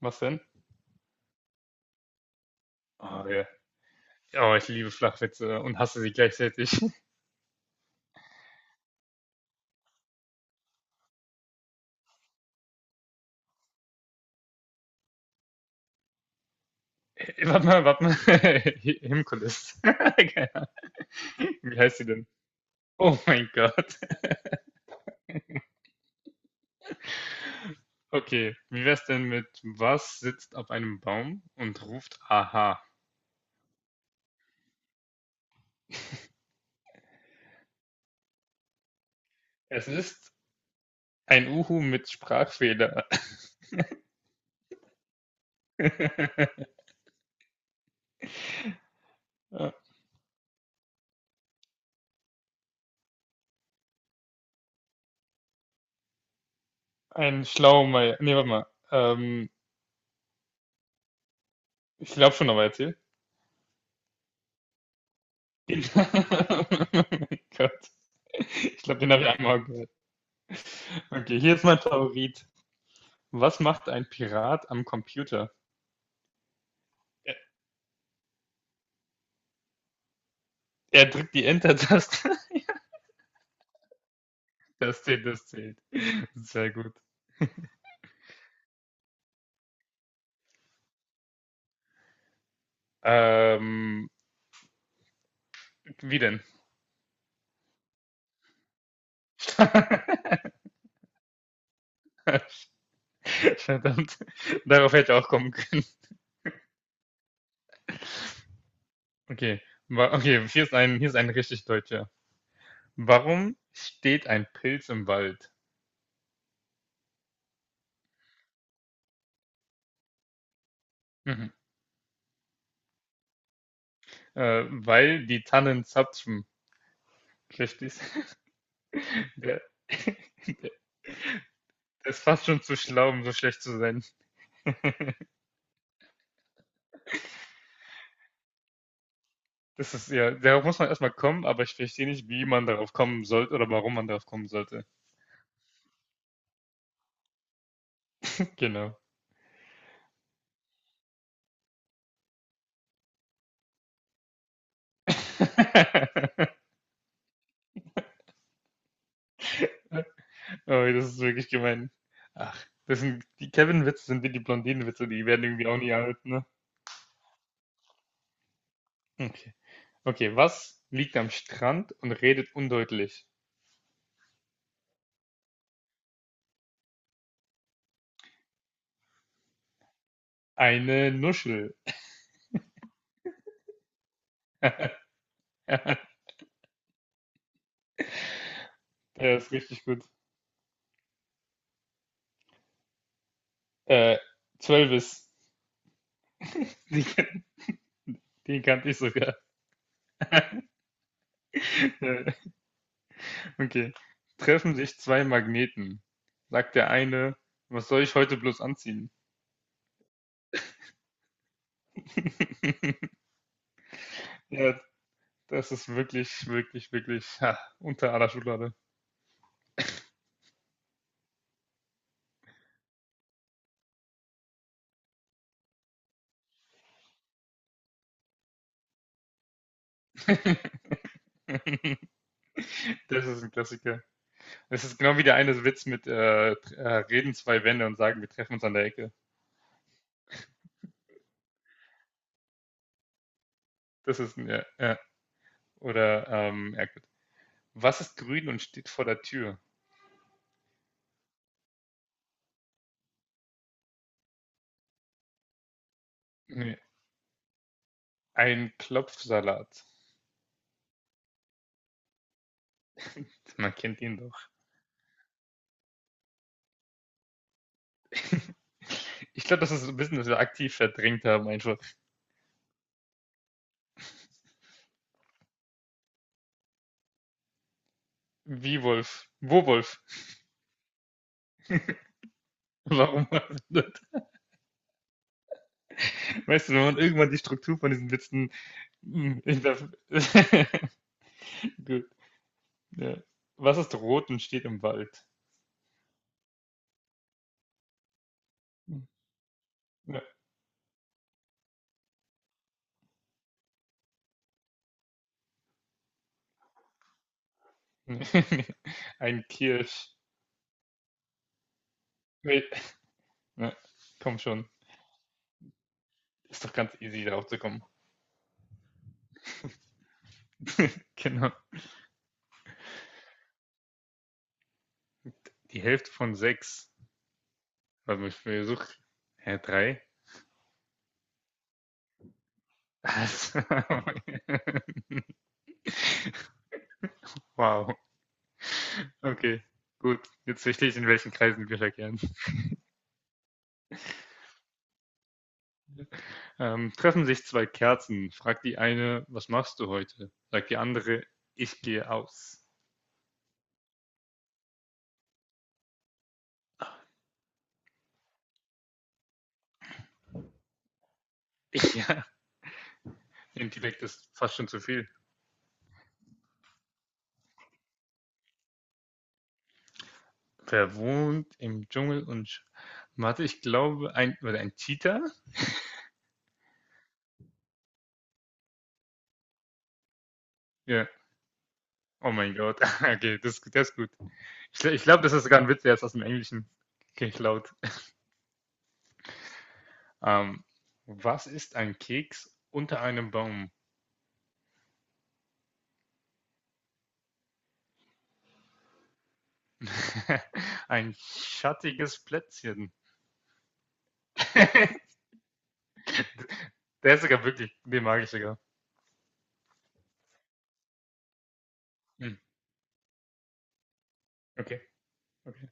Was denn? Ah, ja. Oh, ich liebe Flachwitze und hasse sie gleichzeitig. Warte mal, warte mal. Himkulis. Keine Ahnung. Wie heißt sie denn? Oh mein Gott. Okay, wie wär's denn mit. Was sitzt auf einem Baum und ruft Aha? Es ist ein Uhu mit Sprachfehler. Ein Schlaumeier. Nee, warte mal. Ich glaube schon, aber erzähl. Oh mein Gott. Ich glaube, den habe ich einmal gehört. Okay, hier ist mein Favorit. Was macht ein Pirat am Computer? Er, er drückt die Enter-Taste. Das zählt, das zählt. Sehr gut. Ähm, wie denn? Verdammt. Darauf hätte ich auch kommen können. Okay. Okay, hier ist hier ist ein richtig deutscher. Warum steht ein Pilz im Wald? Mhm. Weil die Tannen zapfen. Richtig. Der, der ist fast schon zu schlau, um so schlecht zu sein. Das ist ja, darauf muss man erstmal kommen, aber ich verstehe nicht, wie man darauf kommen sollte oder warum man darauf kommen sollte. Genau. Oh, das ist wirklich gemein. Ach, das sind die Kevin-Witze sind wie die Blondinen-Witze, die werden irgendwie auch nie alt, ne? Okay. Okay, was liegt am Strand und redet undeutlich? Eine Nuschel. Der ist richtig gut. Äh, Zwölfis. Die, kan- die kannte ich sogar. Okay. Treffen sich zwei Magneten. Sagt der eine, was soll ich heute bloß anziehen? Ja, das ist wirklich, wirklich, wirklich ha, unter aller Schublade. Das ist ein Klassiker. Das ist genau wie der eine Witz mit reden zwei Wände und sagen, wir treffen uns an der Ecke. Das ist ein, ja, ja. Oder, ja gut. Was ist grün und steht vor der Tür? Nee, ein Klopfsalat. Man kennt ihn doch. Ich glaube, das ist ein bisschen, dass wir aktiv verdrängt haben, einfach. Wie Wolf? Wo Wolf? Warum? Weißt du, wenn man irgendwann die Struktur von diesen Witzen hm, hinterf- Gut, ja. Was ist rot und steht im Wald? Hm, ja. Ein Kirsch. Nee. Ja, komm schon. Ist doch ganz easy, darauf zu kommen. Genau. Die Hälfte von sechs. Also ich versuche. Hä, drei? Wow. Okay, gut. Jetzt verstehe ich, in welchen Kreisen wir verkehren. Treffen sich zwei Kerzen, fragt die eine, was machst du heute? Sagt die andere, ich gehe aus. Ja, Intellekt ist fast schon zu viel. Wer wohnt im Dschungel und warte, ich glaube, ein Cheetah? Ja. Oh mein Gott. Okay, das ist gut. Ich glaube, das ist sogar ein Witz, der ist aus dem Englischen geklaut. Ähm, was ist ein Keks unter einem Baum? Ein schattiges Plätzchen. Der ist sogar wirklich, den mag ich sogar. Hm, okay, okay.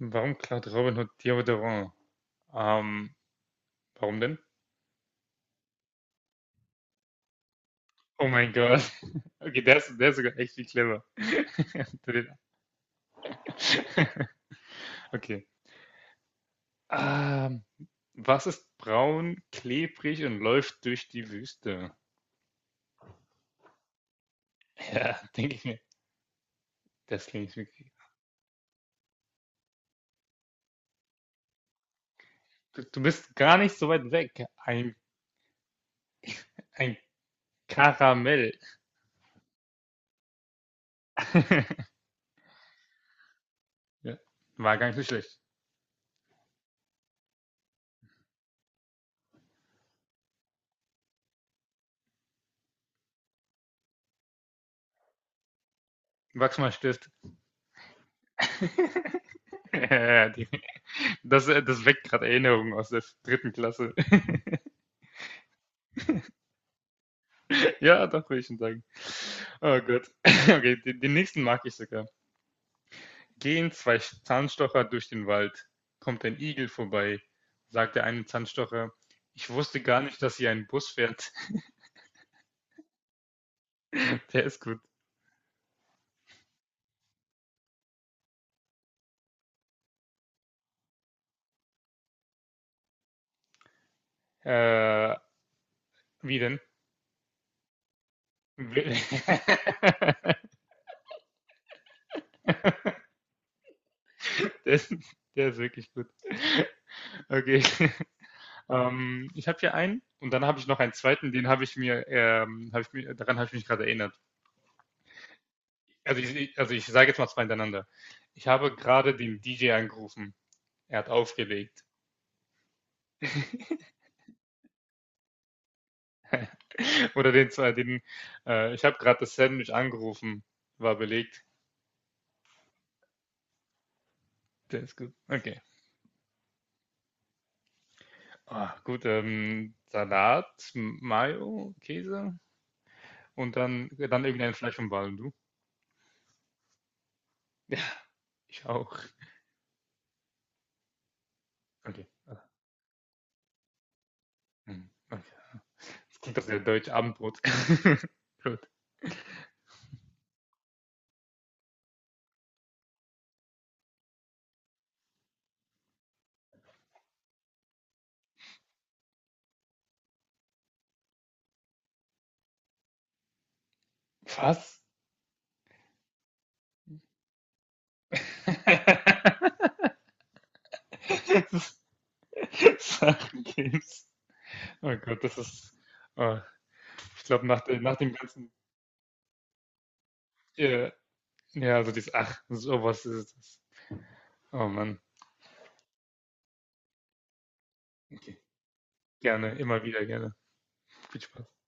Warum klaut Robin Hood Deodorant? Ähm, warum denn? Oh mein Gott. Okay, der ist sogar echt viel clever. Den- Okay. Ähm, was ist braun, klebrig und läuft durch die Wüste? Ja, denke ich mir. Das klingt wirklich. Du bist gar nicht so weit weg. Ein Karamell. Ja, war gar nicht so schlecht. Wachs mal Stift. Ja, das weckt gerade Erinnerungen aus der dritten Klasse. Ja, doch, würde ich schon sagen. Oh Gott. Okay, den nächsten mag ich sogar. Gehen zwei Zahnstocher durch den Wald. Kommt ein Igel vorbei, sagt der eine Zahnstocher. Ich wusste gar nicht, dass hier ein Bus fährt. Der ist gut. Äh, wie denn? Will- Der ist, der ist wirklich gut. Okay. Ich habe hier einen und dann habe ich noch einen zweiten, den habe ich mir, daran habe ich mich gerade erinnert. Also also ich sage jetzt mal zwei hintereinander. Ich habe gerade den DJ angerufen. Er hat aufgelegt. Oder den zwei, ich habe gerade das Sandwich angerufen, war belegt. Der ist gut. Okay. Ah, gut, Salat, Mayo, Käse und dann irgendein Fleisch und Ball. Und du? Ja, ich auch. Okay. Ah, hm, okay. Das klingt doch sehr deutsch, Abendbrot. Gut. Was? Sachen Games. Oh Gott, das ist. Oh, ich glaube, nach dem ganzen. Äh, ja, also dieses Ach, sowas ist es. Oh Mann. Okay. Gerne, immer wieder gerne. Viel Spaß.